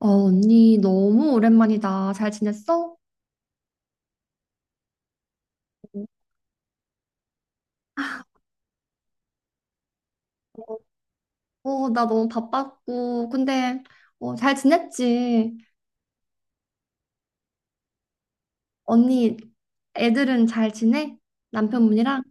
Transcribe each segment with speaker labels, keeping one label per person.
Speaker 1: 언니, 너무 오랜만이다. 잘 지냈어? 어, 나 너무 바빴고. 근데, 어, 잘 지냈지? 언니, 애들은 잘 지내? 남편분이랑?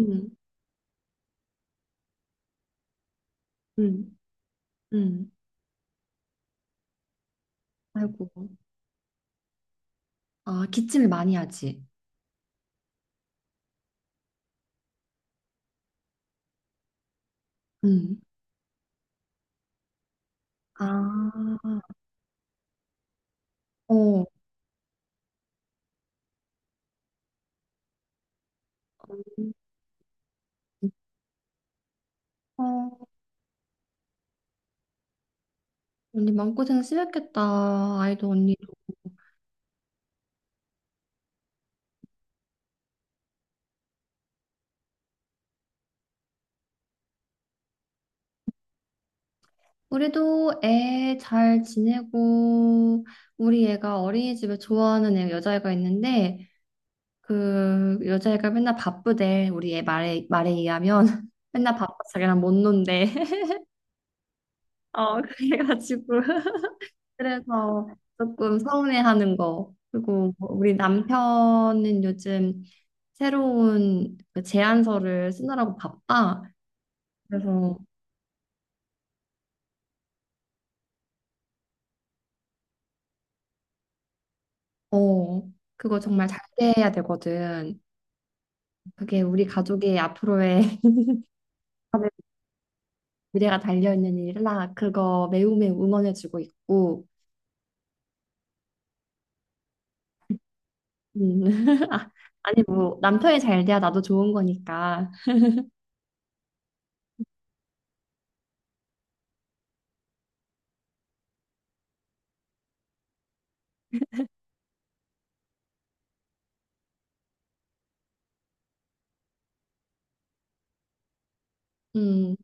Speaker 1: 응, 응, 응. 아이고. 아, 기침을 많이 하지? 응. 아, 어. 어, 언니 마음고생 심했겠다. 아이도 언니도. 우리도 애 잘 지내고, 우리 애가 어린이집에 좋아하는 애 여자애가 있는데, 그 여자애가 맨날 바쁘대. 우리 애 말에 의하면 맨날 바빠 자기랑 못 논대. 어 그래가지고 그래서 조금 서운해하는 거. 그리고 뭐 우리 남편은 요즘 새로운 그 제안서를 쓰느라고 바빠. 그래서 어 그거 정말 잘 돼야 되거든. 그게 우리 가족의 앞으로의 미래가 달려 있는 일이라 그거 매우 매우 응원해주고 있고. 음. 아, 아니 뭐 남편이 잘 돼야 나도 좋은 거니까. 음.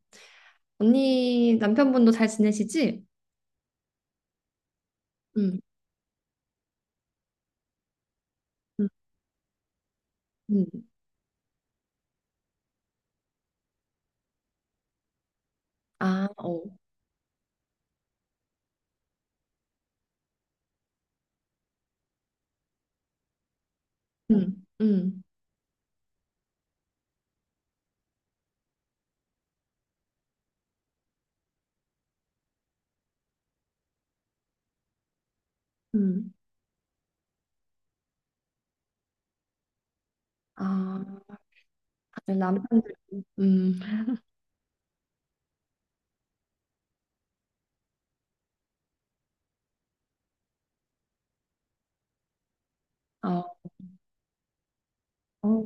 Speaker 1: 언니 남편분도 잘 지내시지? 음. 음. 음. 아, 어. 음. 음. 음. 아, 다들 남편들. 음. 아, 어. 어.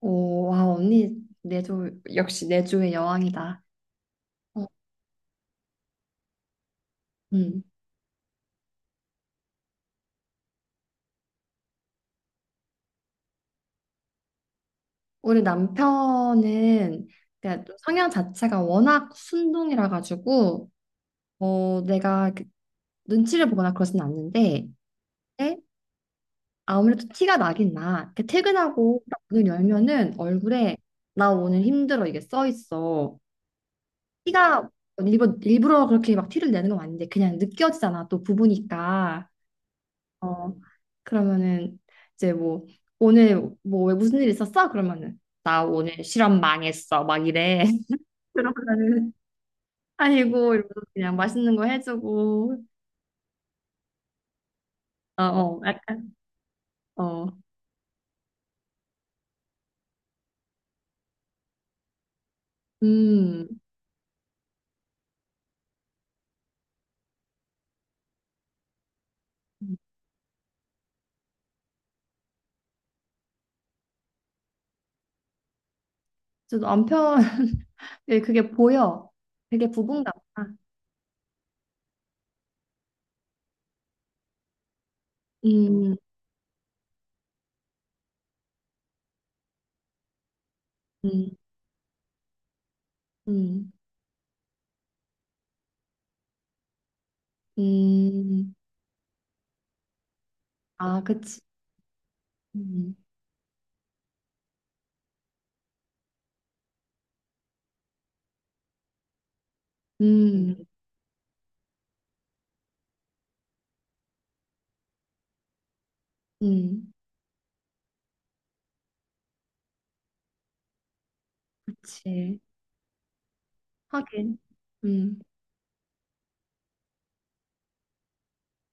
Speaker 1: 오, 와, 언니 내조 역시 내조의 여왕이다. 어. 음. 우리 남편은 그냥 좀 성향 자체가 워낙 순둥이라 가지고 어, 내가 그 눈치를 보거나 그러진 않는데 네? 아무래도 티가 나긴 나. 이렇게 퇴근하고 딱 문을 열면은 얼굴에 나 오늘 힘들어 이게 써 있어. 티가 일부러 그렇게 막 티를 내는 건 아닌데 그냥 느껴지잖아. 또 부부니까. 어 그러면은 이제 뭐 오늘 뭐 왜 무슨 일 있었어? 그러면은 나 오늘 실험 망했어 막 이래. 그러면은 아이고 이러면서 그냥 맛있는 거 해주고 어어 약간 어 음. 저도 남편 예, 그게 보여. 되게 부분감아. 음, 음, 음, 음. 아, 그치. 음, 음, 음. 그치. 하긴. 음,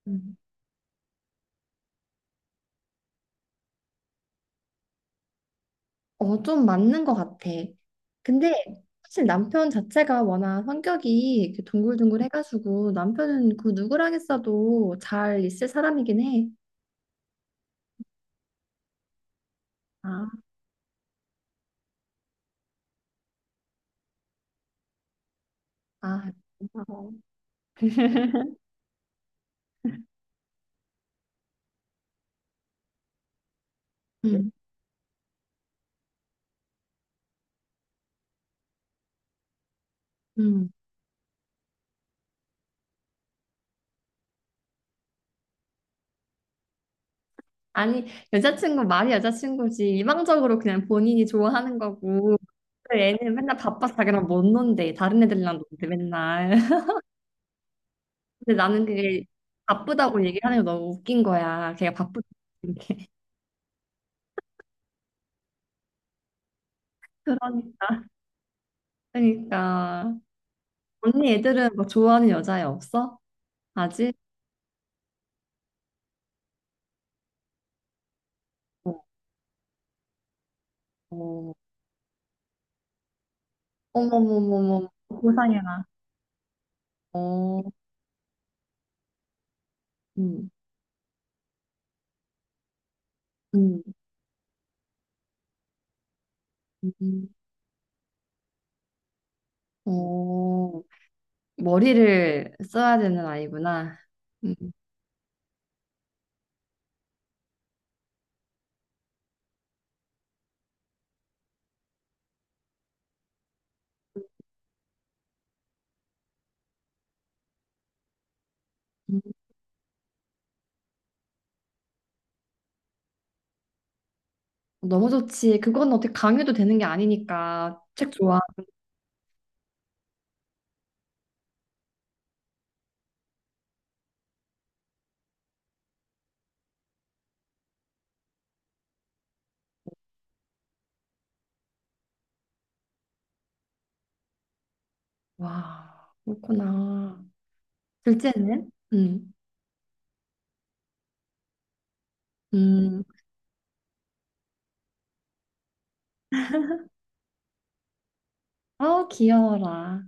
Speaker 1: 음. 어, 좀 맞는 것 같아. 근데 사실 남편 자체가 워낙 성격이 이렇게 둥글둥글 해가지고 남편은 그 누구랑 했어도 잘 있을 사람이긴 해. 아, 아, 고마워. 음, 음. 아니, 여자친구 말이 여자친구지. 일방적으로 그냥 본인이 좋아하는 거고. 그 애는 맨날 바빠서 자기랑 못 논대. 다른 애들이랑 논대, 맨날. 근데 나는 그게 바쁘다고 얘기하는 게 너무 웃긴 거야. 걔가 바쁘다. 이렇게. 그러니까. 그러니까. 언니 애들은 뭐 좋아하는 여자애 없어? 아직? 어, 어. 어머머머머. 고상해라. 어, 음, 음, 음. 어, 머리를 써야 되는 아이구나. 음. 음. 너무 좋지. 그건 어떻게 강요도 되는 게 아니니까. 책 좋아. 와, 그렇구나. 둘째는? 음, 어, 귀여워라.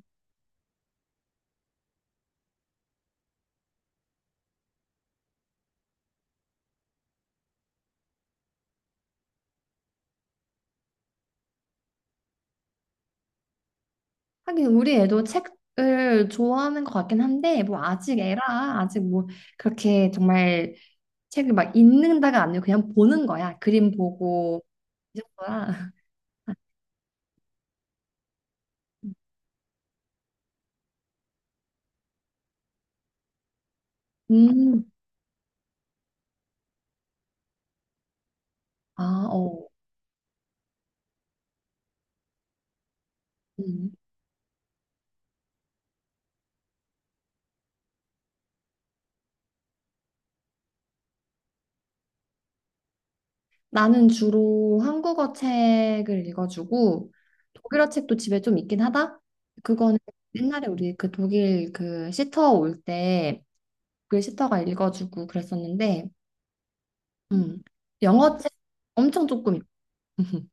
Speaker 1: 하긴 우리 애도 책을 좋아하는 것 같긴 한데, 뭐 아직 애라, 아직 뭐 그렇게 정말 책을 막 읽는다가 아니고 그냥 보는 거야. 그림 보고 이 정도야. 음, 아, 어. 음. 나는 주로 한국어 책을 읽어주고 독일어 책도 집에 좀 있긴 하다. 그거는 옛날에 우리 그 독일 그 시터 올 때 그 시터가 읽어주고 그랬었는데, 음, 영어 책 엄청 조금 읽-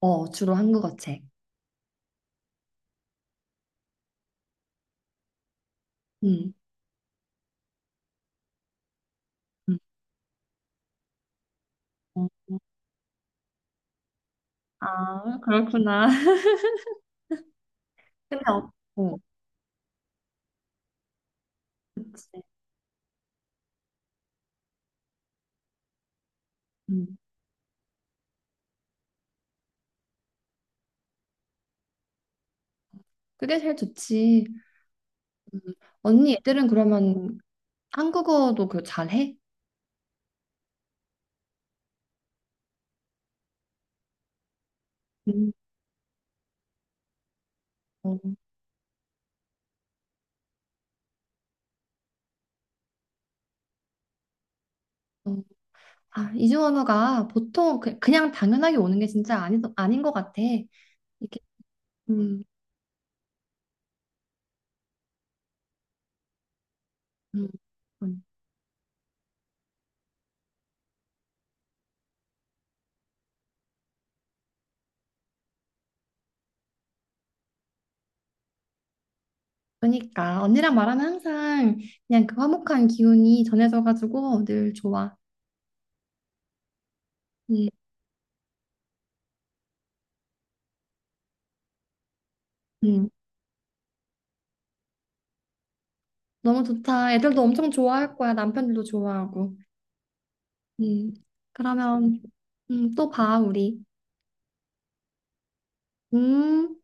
Speaker 1: 어 주로 한국어 책. 음, 음. 어, 아, 그렇구나. 근데 어, 어, 그치. 음, 그게 제일 좋지. 음. 언니 애들은 그러면 한국어도 그 잘해? 음. 어, 어. 아, 이중 언어가 보통 그냥 당연하게 오는 게 진짜 아니, 아닌 것 같아. 이게, 음, 음, 음. 그러니까 언니랑 말하면 항상 그냥 그 화목한 기운이 전해져가지고 늘 좋아. 음, 음. 너무 좋다. 애들도 엄청 좋아할 거야. 남편들도 좋아하고. 음, 그러면 또 봐, 우리. 음.